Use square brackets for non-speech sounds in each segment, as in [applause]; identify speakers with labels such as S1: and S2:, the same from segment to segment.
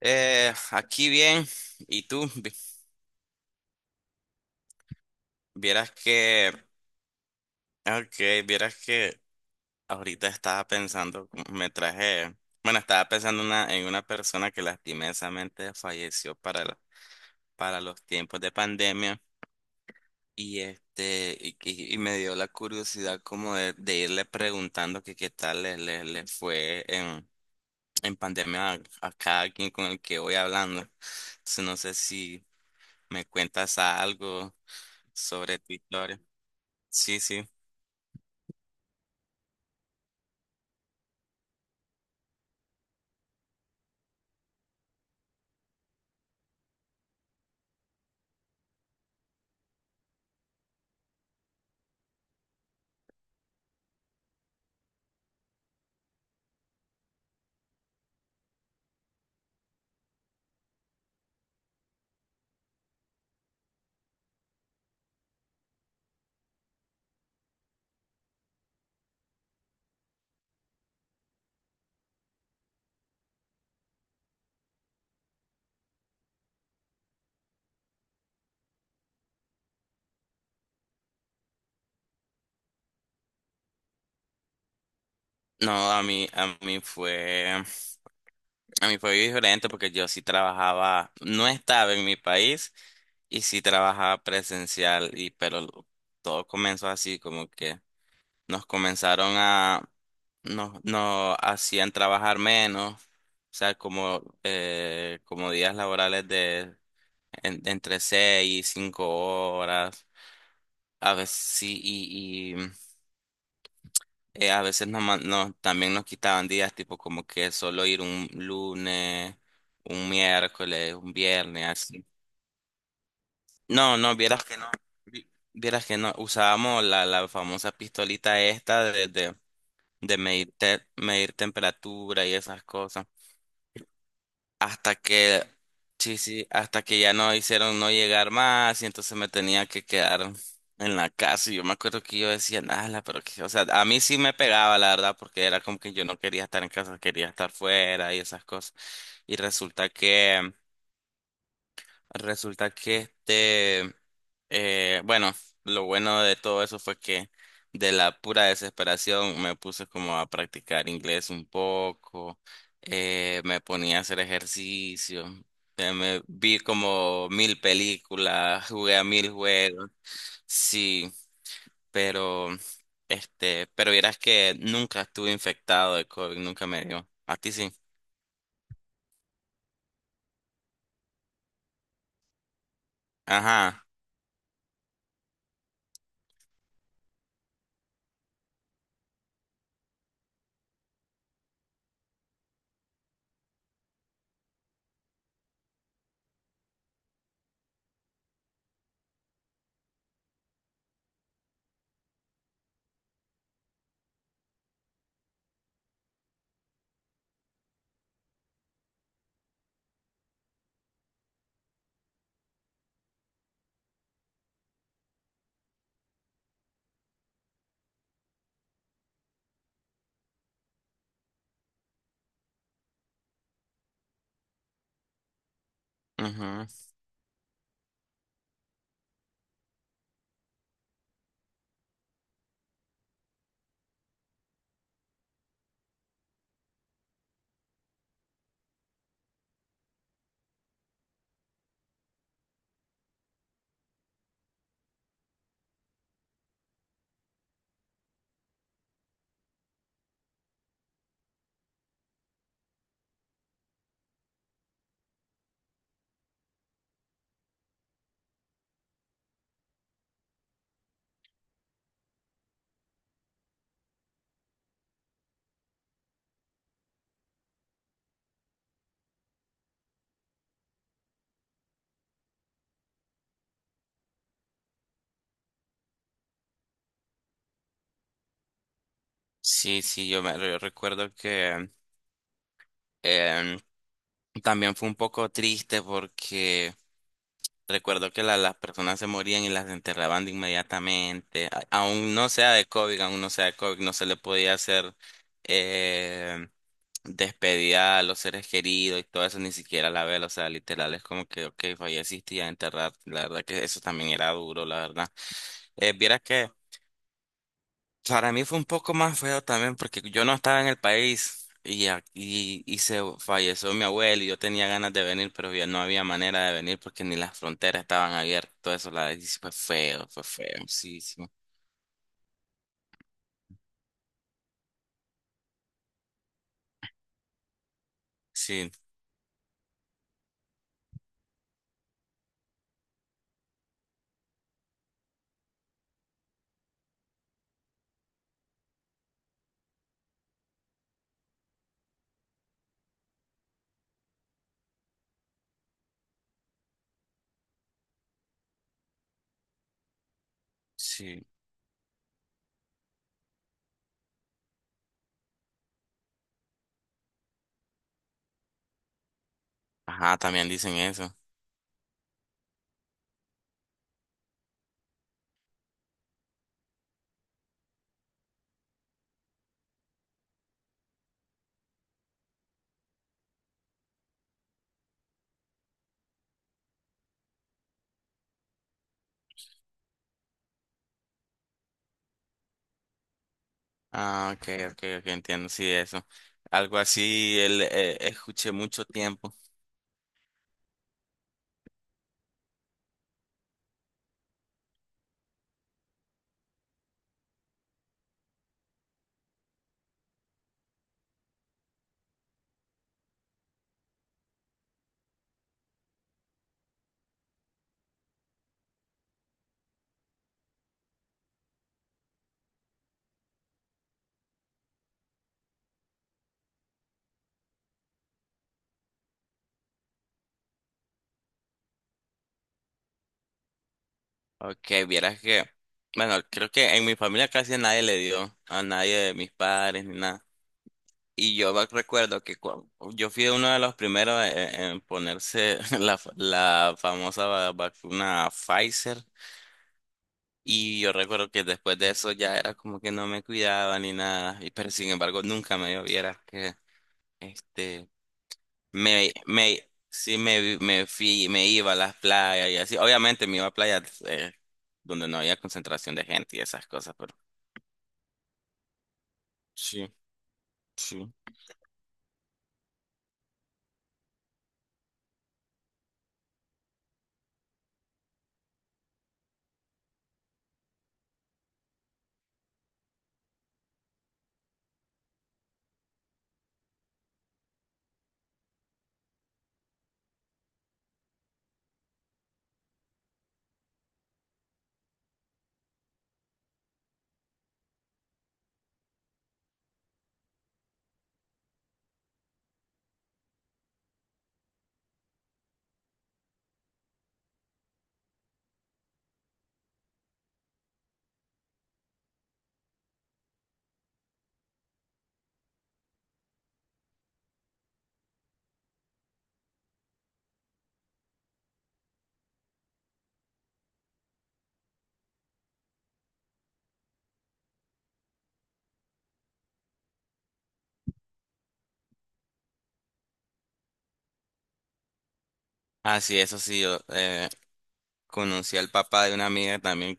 S1: Aquí bien. ¿Y tú? Vieras que, ok, vieras que ahorita estaba pensando, me traje, bueno, estaba pensando en una persona que lastimosamente falleció para los tiempos de pandemia. Y este, y me dio la curiosidad como de irle preguntando que qué tal le fue en pandemia a cada quien con el que voy hablando. Entonces, no sé si me cuentas algo sobre tu historia. Sí, sí. No, a mí fue diferente porque yo sí trabajaba, no estaba en mi país y sí trabajaba presencial y todo comenzó así como que nos comenzaron a, nos hacían trabajar menos, o sea, como, como días laborales de entre seis y cinco horas, a veces sí, y a veces no man- nos- también nos quitaban días, tipo como que solo ir un lunes, un miércoles, un viernes, así. No, no, vieras que no, vieras que no, usábamos la, la famosa pistolita esta desde de medir, medir temperatura y esas cosas. Hasta que, sí, sí, hasta que ya no hicieron no llegar más y entonces me tenía que quedar en la casa. Y yo me acuerdo que yo decía, nada, pero que, o sea, a mí sí me pegaba, la verdad, porque era como que yo no quería estar en casa, quería estar fuera y esas cosas. Y resulta que Resulta que este, bueno, lo bueno de todo eso fue que de la pura desesperación me puse como a practicar inglés un poco, me ponía a hacer ejercicio, me vi como mil películas, jugué a mil juegos, sí, pero este, pero vieras que nunca estuve infectado de COVID, nunca me dio. A ti sí. Ajá. Ujú. Sí, sí, yo recuerdo que em, también fue un poco triste porque recuerdo que las personas se morían y las enterraban de inmediatamente. Aún no sea de COVID, aún no sea de COVID, no se le podía hacer eh, despedida a los seres queridos y todo eso, ni siquiera la vela. O sea, literal es como que, ok, falleciste y a enterrar. La verdad que eso también era duro, la verdad. Vieras que para mí fue un poco más feo también porque yo no estaba en el país y se falleció mi abuelo y yo tenía ganas de venir, pero ya no había manera de venir porque ni las fronteras estaban abiertas, todo eso, la, y sí fue feo, sí, sí, sí, sí. Ajá, también dicen eso. Ah, ok, ok, ok, entiendo, sí, eso. Algo así el, escuché mucho tiempo. Ok, vieras que, bueno, creo que en mi familia casi a nadie le dio, a nadie de mis padres ni nada. Y yo me recuerdo que yo fui uno de los primeros en ponerse [laughs] la famosa vacuna Pfizer. Y yo recuerdo que después de eso ya era como que no me cuidaba ni nada. Y, pero sin embargo nunca me lloviera que este me fui, me iba a las playas y así. Obviamente me iba a playas donde no había concentración de gente y esas cosas, pero sí, sí. Ah, sí, eso sí, yo conocí al papá de una amiga también.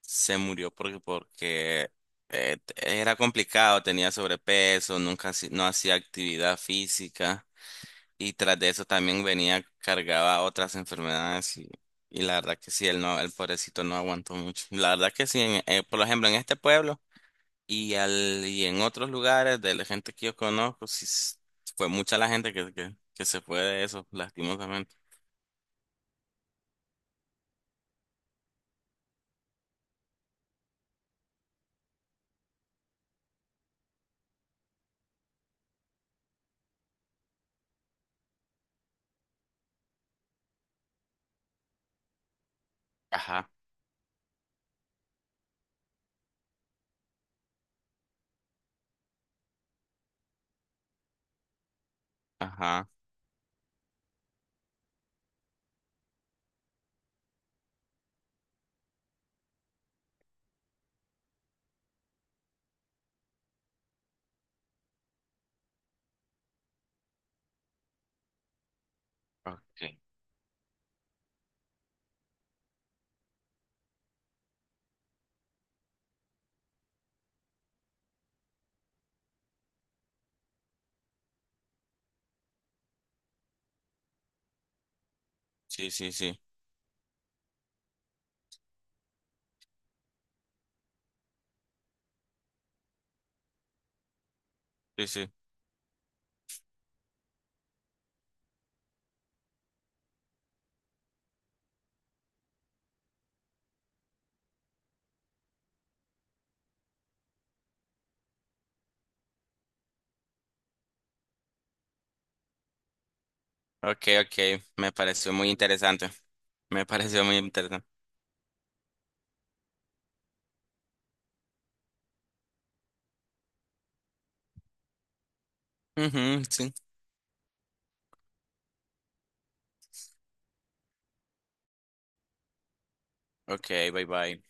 S1: Se murió porque, porque era complicado, tenía sobrepeso, nunca haci- no hacía actividad física y tras de eso también venía cargaba otras enfermedades y la verdad que sí, él no, el pobrecito no aguantó mucho. La verdad que sí, por ejemplo, en este pueblo y en otros lugares de la gente que yo conozco, fue mucha la gente que se fue de eso, lastimosamente. Ajá, ajá, ok. Sí, sí, sí. Sí, sí. Ok, ok, me pareció muy interesante. Me pareció muy interesante. Ujú, sí. Ok, bye bye.